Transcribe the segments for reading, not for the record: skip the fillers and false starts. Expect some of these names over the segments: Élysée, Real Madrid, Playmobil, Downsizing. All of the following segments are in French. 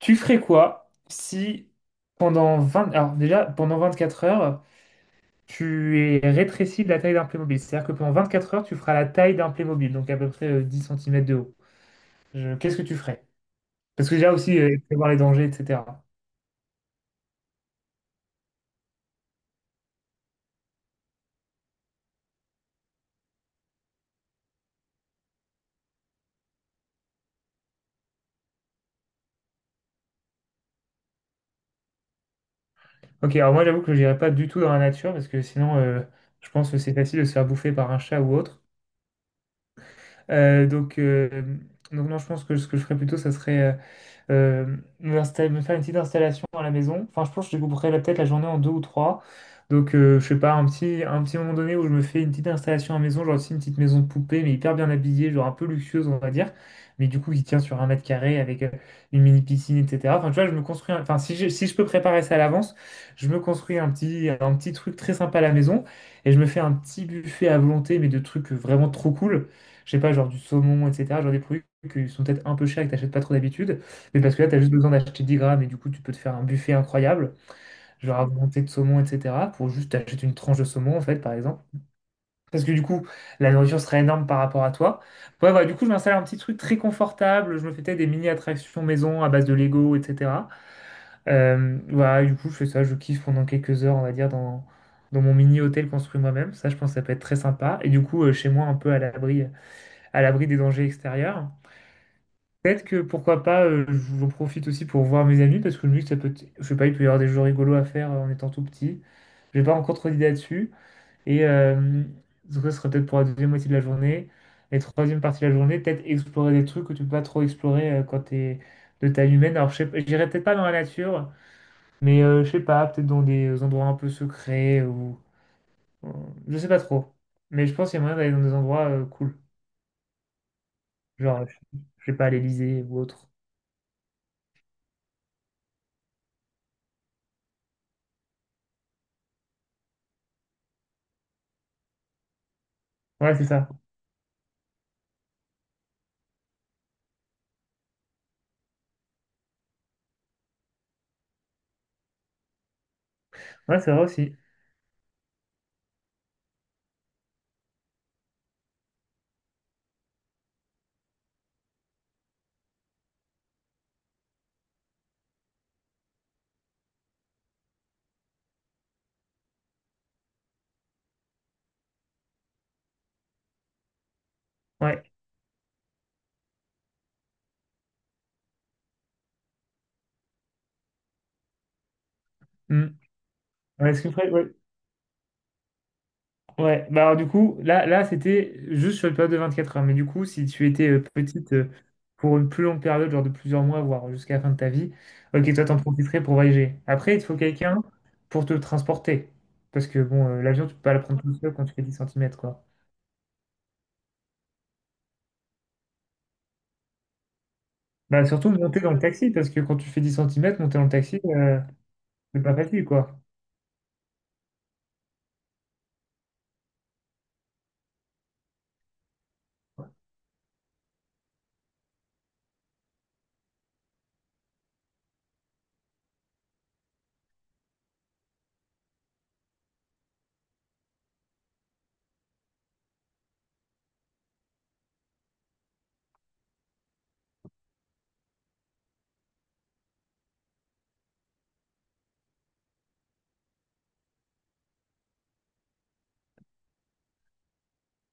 Tu ferais quoi si pendant 20 alors déjà, pendant 24 heures, tu es rétréci de la taille d'un Playmobil. C'est-à-dire que pendant 24 heures, tu feras la taille d'un Playmobil, donc à peu près 10 cm de haut. Qu'est-ce que tu ferais? Parce que déjà aussi, prévoir les dangers, etc. Ok, alors moi j'avoue que je n'irai pas du tout dans la nature, parce que sinon, je pense que c'est facile de se faire bouffer par un chat ou autre. Euh, donc, euh, donc non, je pense que ce que je ferais plutôt, ça serait me faire une petite installation à la maison. Enfin, je pense que je découperai peut-être la journée en deux ou trois. Je sais pas, un petit moment donné où je me fais une petite installation à la maison, genre aussi une petite maison de poupée, mais hyper bien habillée, genre un peu luxueuse, on va dire, mais du coup qui tient sur un mètre carré avec une mini piscine, etc. Enfin, tu vois, je me construis, enfin, si je peux préparer ça à l'avance, je me construis un petit truc très sympa à la maison et je me fais un petit buffet à volonté, mais de trucs vraiment trop cool. Je sais pas, genre du saumon, etc., genre des produits qui sont peut-être un peu chers et que t'achètes pas trop d'habitude. Mais parce que là, tu as juste besoin d'acheter 10 grammes et du coup, tu peux te faire un buffet incroyable, genre augmenté de saumon, etc., pour juste acheter une tranche de saumon, en fait, par exemple. Parce que du coup, la nourriture serait énorme par rapport à toi. Ouais, voilà, du coup, je m'installe un petit truc très confortable. Je me fais peut-être des mini-attractions maison à base de Lego, etc. Voilà, du coup, je fais ça, je kiffe pendant quelques heures, on va dire, dans mon mini-hôtel construit moi-même. Ça, je pense que ça peut être très sympa. Et du coup, chez moi, un peu à l'abri des dangers extérieurs. Peut-être que pourquoi pas, j'en profite aussi pour voir mes amis parce que le que ça peut, je sais pas, il peut y avoir des jeux rigolos à faire en étant tout petit. J'ai pas encore trop d'idées là-dessus. Et euh, donc ça serait peut-être pour la deuxième moitié de la journée. Et troisième partie de la journée, peut-être explorer des trucs que tu peux pas trop explorer quand t'es de taille humaine. Alors je sais, pas- j'irai peut-être pas dans la nature, mais je sais pas, peut-être dans des endroits un peu secrets je sais pas trop. Mais je pense qu'il y a moyen d'aller dans des endroits cool, genre je sais pas à l'Élysée ou autre. Ouais, c'est ça. Ouais, c'est vrai aussi. Ouais. Hmm. Ouais, ouais. Ouais. Bah, alors, du coup, là c'était juste sur une période de 24 heures. Mais du coup, si tu étais petite pour une plus longue période, genre de plusieurs mois, voire jusqu'à la fin de ta vie, ok, toi, t'en profiterais pour voyager. Après, il te faut quelqu'un pour te transporter. Parce que, bon, l'avion, tu peux pas le prendre tout seul quand tu fais 10 cm, quoi. Bah, surtout monter dans le taxi, parce que quand tu fais 10 cm, monter dans le taxi, c'est pas facile, quoi.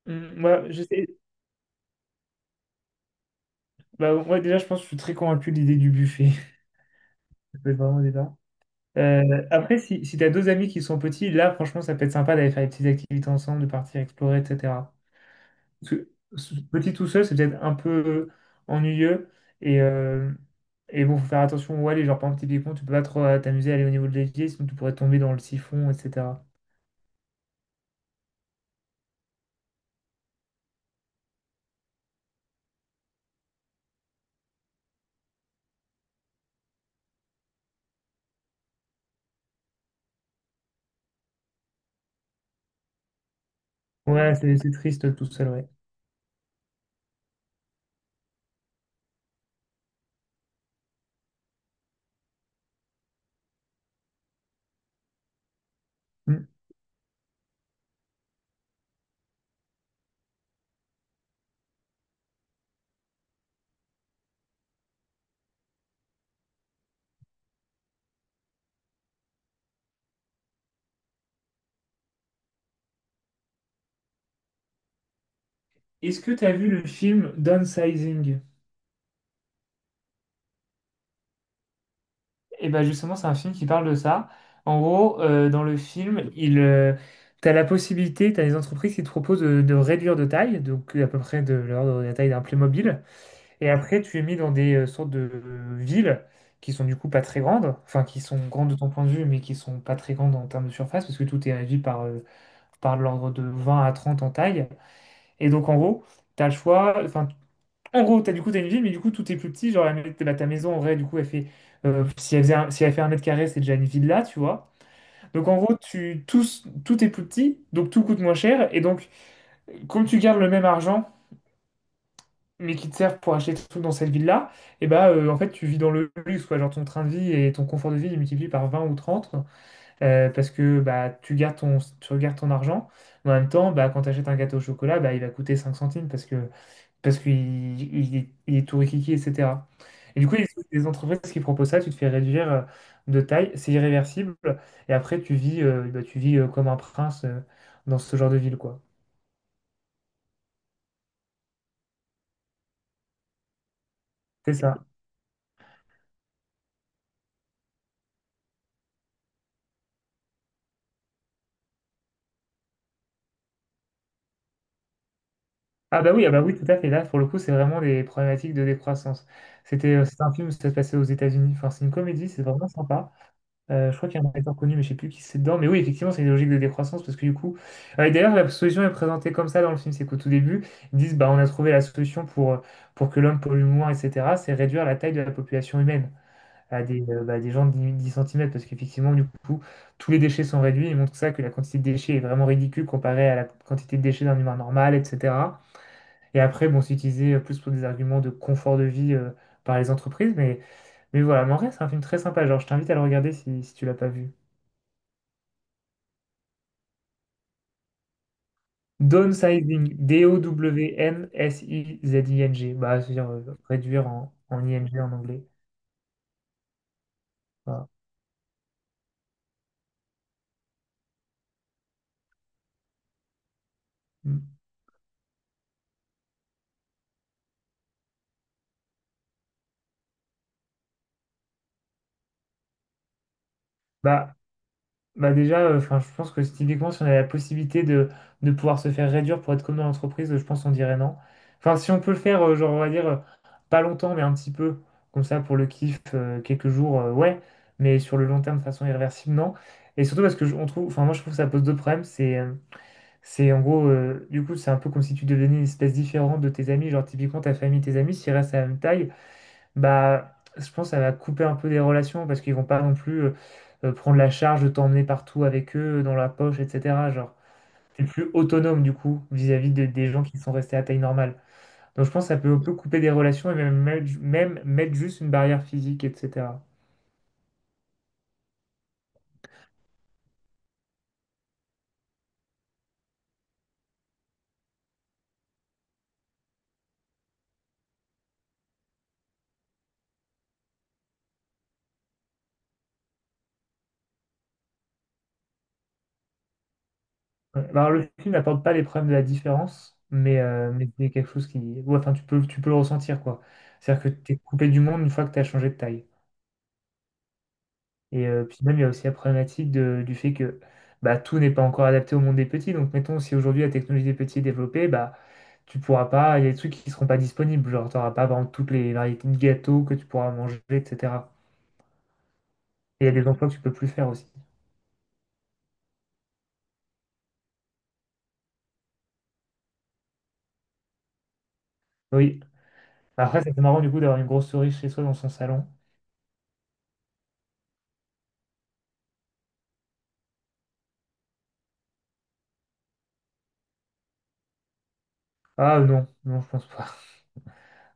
Hmm. Moi, je sais. Bah, moi, déjà, je pense que je suis très convaincu de l'idée du buffet. Ça peut être vraiment débat. Après, si t'as deux amis qui sont petits, là, franchement, ça peut être sympa d'aller faire des petites activités ensemble, de partir explorer, etc. Parce que petit tout seul, c'est peut-être un peu ennuyeux. Et, euh, et bon, faut faire attention où aller. Genre, par exemple, typiquement, tu peux pas trop t'amuser à aller au niveau de l'évier, sinon tu pourrais tomber dans le siphon, etc. Ouais, c'est triste tout seul, ouais. Mm. Est-ce que t'as vu le film Downsizing? Et ben justement, c'est un film qui parle de ça. En gros, dans le film, tu as la possibilité, tu as des entreprises qui te proposent de réduire de taille, donc à peu près de l'ordre de la taille d'un Playmobil. Et après, tu es mis dans des sortes de villes qui sont du coup pas très grandes, enfin qui sont grandes de ton point de vue, mais qui sont pas très grandes en termes de surface, parce que tout est régi par l'ordre de 20 à 30 en taille. Et donc en gros, tu as le choix, enfin, en gros, t'as du coup, t'as une ville, mais du coup, tout est plus petit. Genre, bah, ta maison, en vrai, du coup, elle fait, si elle fait un mètre carré, c'est déjà une villa, tu vois. Donc, en gros, tout est plus petit, donc tout coûte moins cher. Et donc, comme tu gardes le même argent, mais qui te sert pour acheter des trucs dans cette ville-là, et bah, en fait, tu vis dans le luxe, quoi. Genre, ton train de vie et ton confort de vie, il multiplie par 20 ou 30, parce que bah, tu gardes ton argent. Mais en même temps, bah, quand tu achètes un gâteau au chocolat, bah, il va coûter 5 centimes, parce que parce qu'il il est tout rikiki, etc. Et du coup, il y a des entreprises qui proposent ça, tu te fais réduire de taille, c'est irréversible, et après tu vis, comme un prince dans ce genre de ville, quoi. C'est ça. Ah bah oui, tout à fait. Là, pour le coup, c'est vraiment des problématiques de décroissance. C'est un film, ça se passait aux États-Unis. Enfin, c'est une comédie, c'est vraiment sympa. Je crois qu'il y a un acteur connu, mais je sais plus qui c'est dedans. Mais oui, effectivement, c'est une logique de décroissance parce que du coup. Et d'ailleurs, la solution est présentée comme ça dans le film, c'est qu'au tout début, ils disent bah on a trouvé la solution pour que l'homme pollue moins, etc. C'est réduire la taille de la population humaine à des gens de 10 10 cm parce qu'effectivement, du coup, tous les déchets sont réduits. Ils montrent ça que la quantité de déchets est vraiment ridicule comparée à la quantité de déchets d'un humain normal, etc. Et après, bon, c'est utilisé plus pour des arguments de confort de vie par les entreprises, mais voilà, mais en vrai, c'est un film très sympa. Genre, je t'invite à le regarder si tu l'as pas vu. Downsizing, Downsizing, bah, c'est-à-dire réduire en ING en anglais. Voilà. Mm. Bah, bah déjà, enfin, je pense que typiquement, si on a la possibilité de pouvoir se faire réduire pour être comme dans l'entreprise, je pense qu'on dirait non. Enfin, si on peut le faire, genre, on va dire, pas longtemps, mais un petit peu, comme ça, pour le kiff, quelques jours, ouais, mais sur le long terme, de façon irréversible, non. Et surtout parce que on trouve, enfin, moi, je trouve que ça pose deux problèmes, c'est en gros, du coup, c'est un peu comme si tu devenais une espèce différente de tes amis. Genre, typiquement, ta famille, tes amis, s'ils restent à la même taille, bah, je pense que ça va couper un peu des relations parce qu'ils vont pas non plus prendre la charge de t'emmener partout avec eux, dans la poche, etc. Genre, t'es plus autonome, du coup, vis-à-vis des gens qui sont restés à taille normale. Donc, je pense que ça peut un peu couper des relations et même, même mettre juste une barrière physique, etc. Ouais. Alors, le film n'apporte pas les problèmes de la différence, mais c'est quelque chose qui. Ouais, enfin, tu peux le ressentir, quoi. C'est-à-dire que tu es coupé du monde une fois que tu as changé de taille. Puis même, il y a aussi la problématique du fait que bah, tout n'est pas encore adapté au monde des petits. Donc, mettons, si aujourd'hui la technologie des petits est développée, bah, tu pourras pas. Il y a des trucs qui ne seront pas disponibles. Genre, tu n'auras pas, par exemple, toutes les variétés de gâteaux que tu pourras manger, etc. Et il y a des emplois que tu peux plus faire aussi. Oui. Après, c'est marrant, du coup, d'avoir une grosse souris chez soi dans son salon. Ah non, non, je pense pas.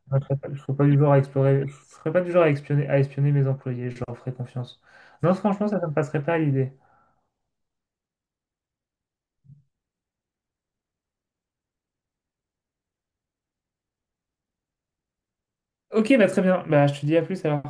Je serais pas du genre à explorer, je serais pas du genre à espionner, mes employés, je leur ferais confiance. Non, franchement, ça ne me passerait pas à l'idée. Ok, bah très bien. Bah, je te dis à plus alors.